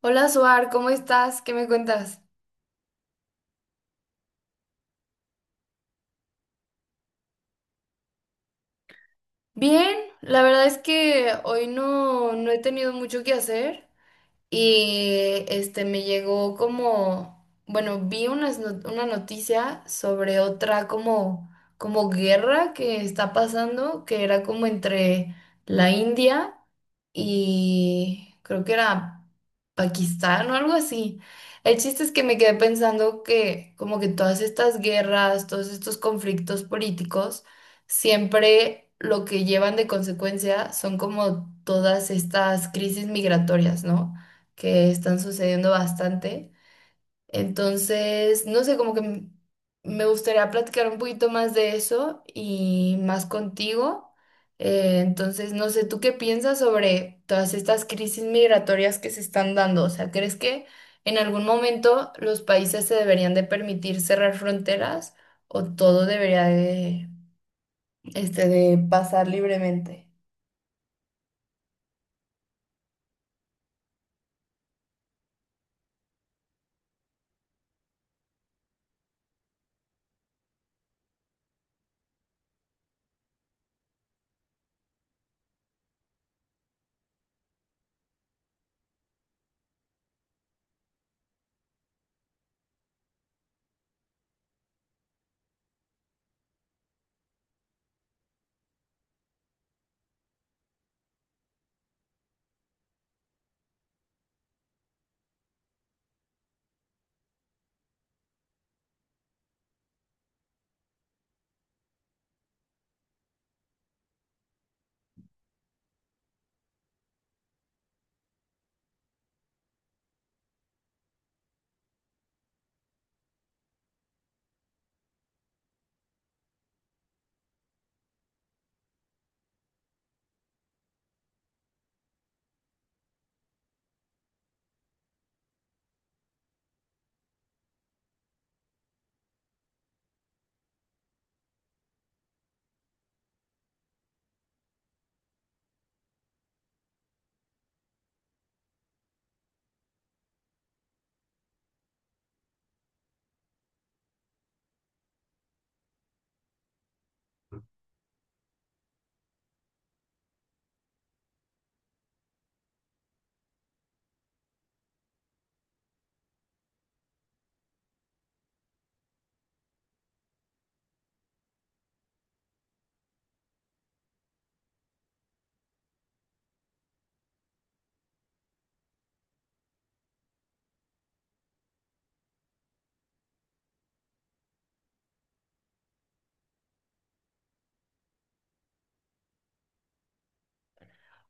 Hola, Suar, ¿cómo estás? ¿Qué me cuentas? Bien, la verdad es que hoy no he tenido mucho que hacer y este me llegó como, bueno, vi unas not- una noticia sobre otra como, como guerra que está pasando, que era como entre la India. Y creo que era Pakistán o algo así. El chiste es que me quedé pensando que como que todas estas guerras, todos estos conflictos políticos, siempre lo que llevan de consecuencia son como todas estas crisis migratorias, ¿no? Que están sucediendo bastante. Entonces, no sé, como me gustaría platicar un poquito más de eso y más contigo. Entonces, no sé, ¿tú qué piensas sobre todas estas crisis migratorias que se están dando? O sea, ¿crees que en algún momento los países se deberían de permitir cerrar fronteras o todo debería de, este, de pasar libremente?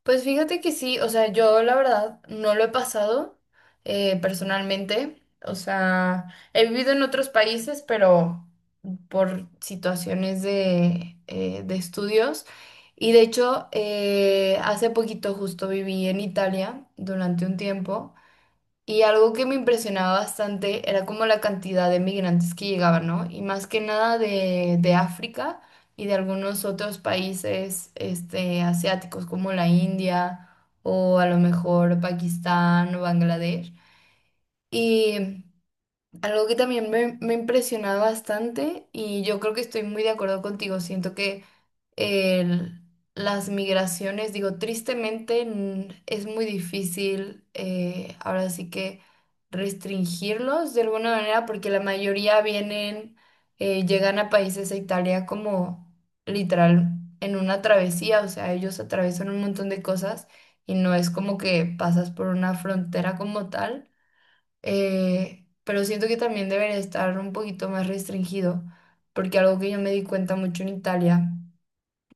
Pues fíjate que sí, o sea, yo la verdad no lo he pasado personalmente, o sea, he vivido en otros países, pero por situaciones de, de estudios. Y de hecho, hace poquito justo viví en Italia durante un tiempo. Y algo que me impresionaba bastante era como la cantidad de migrantes que llegaban, ¿no? Y más que nada de África y de algunos otros países este, asiáticos como la India o a lo mejor Pakistán o Bangladesh. Y algo que también me impresionaba bastante y yo creo que estoy muy de acuerdo contigo, siento que el- las migraciones, digo, tristemente es muy difícil ahora sí que restringirlos de alguna manera porque la mayoría vienen, llegan a países a Italia como literal en una travesía, o sea, ellos atraviesan un montón de cosas y no es como que pasas por una frontera como tal, pero siento que también debería estar un poquito más restringido porque algo que yo me di cuenta mucho en Italia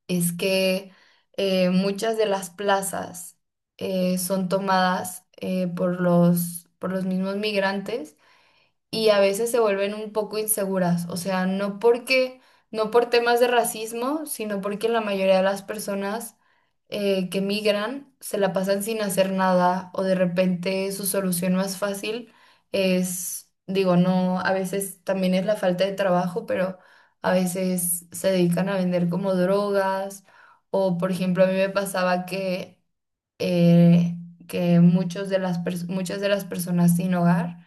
es que muchas de las plazas son tomadas por por los mismos migrantes y a veces se vuelven un poco inseguras, o sea, no porque, no por temas de racismo, sino porque la mayoría de las personas que migran se la pasan sin hacer nada o de repente su solución más fácil es, digo, no, a veces también es la falta de trabajo, pero a veces se dedican a vender como drogas o, por ejemplo, a mí me pasaba eh, que muchos de las pers- muchas de las personas sin hogar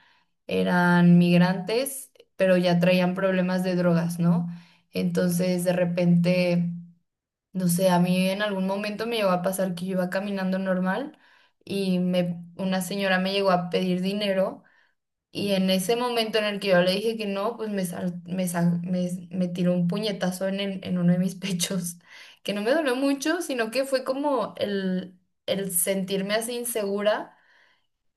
eran migrantes, pero ya traían problemas de drogas, ¿no? Entonces, de repente, no sé, a mí en algún momento me llegó a pasar que yo iba caminando normal una señora me llegó a pedir dinero y en ese momento en el que yo le dije que no, pues me, sal- me, sa- me tiró un puñetazo en uno de mis pechos, que no me dolió mucho, sino que fue como el sentirme así insegura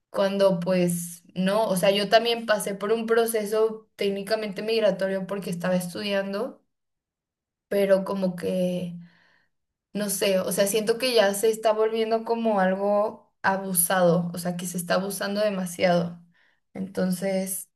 cuando pues no, o sea, yo también pasé por un proceso técnicamente migratorio porque estaba estudiando, pero como que, no sé, o sea, siento que ya se está volviendo como algo abusado, o sea, que se está abusando demasiado. Entonces...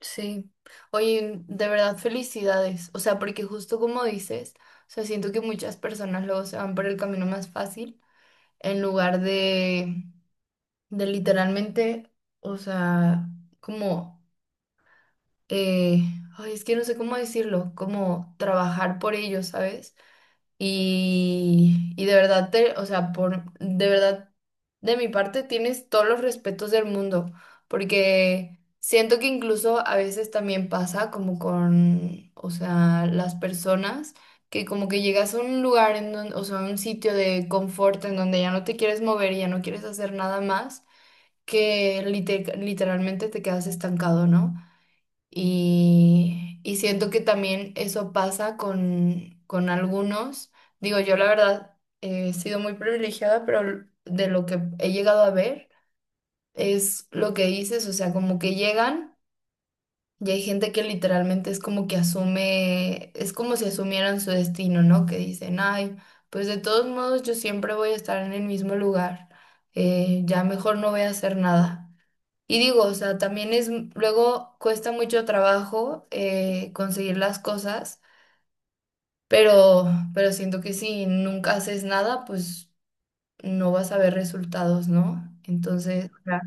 Sí, oye, de verdad felicidades, o sea, porque justo como dices, o sea, siento que muchas personas luego se van por el camino más fácil en lugar de literalmente, o sea, como, eh, ay, es que no sé cómo decirlo, como trabajar por ello, ¿sabes? Y de verdad, o sea, por, de verdad, de mi parte tienes todos los respetos del mundo, porque siento que incluso a veces también pasa como con, o sea, las personas que como que llegas a un lugar, o sea, un sitio de confort en donde ya no te quieres mover y ya no quieres hacer nada más, que literalmente te quedas estancado, ¿no? Y siento que también eso pasa con algunos. Digo, yo la verdad he sido muy privilegiada, pero de lo que he llegado a ver es lo que dices, o sea, como que llegan y hay gente que literalmente es como que asume, es como si asumieran su destino, ¿no? Que dicen, ay, pues de todos modos yo siempre voy a estar en el mismo lugar, ya mejor no voy a hacer nada. Y digo, o sea, también es, luego cuesta mucho trabajo conseguir las cosas, pero, pero siento que si nunca haces nada, pues no vas a ver resultados, ¿no? Entonces, claro.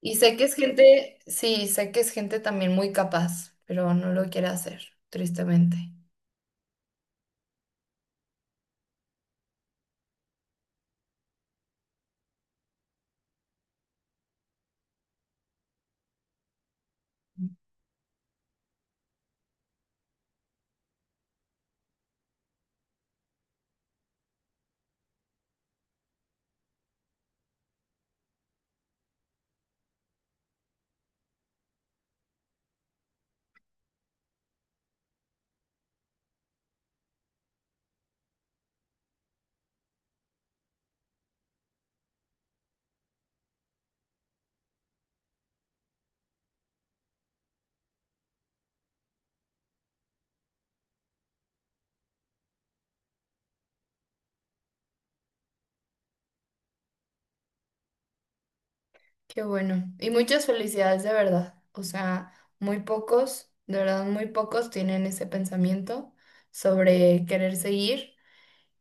Y sé que es gente, sí, sé que es gente también muy capaz, pero no lo quiere hacer, tristemente. Qué bueno. Y muchas felicidades de verdad. O sea, muy pocos, de verdad, muy pocos tienen ese pensamiento sobre querer seguir.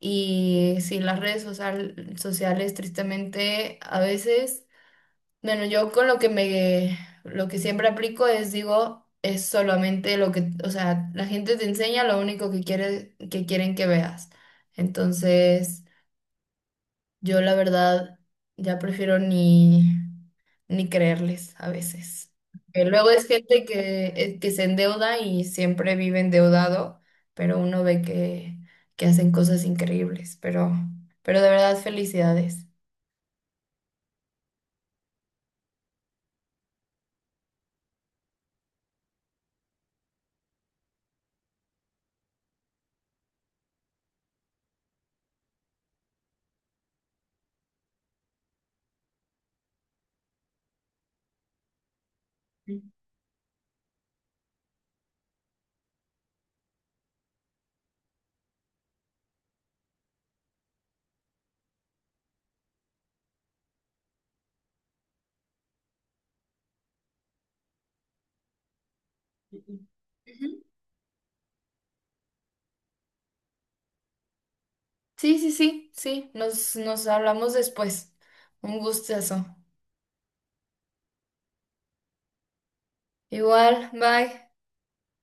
Y sí, las sociales, tristemente, a veces, bueno, yo con lo que me, lo que siempre aplico es, digo, es solamente lo que, o sea, la gente te enseña lo único que quiere, que quieren que veas. Entonces... Yo la verdad ya prefiero ni, ni creerles a veces. Que luego es gente que se endeuda y siempre vive endeudado, pero uno ve que hacen cosas increíbles, pero de verdad felicidades. Ujú. Ujú. Sí, sí, sí, sí, nos hablamos después. Un gustazo. Igual, bye.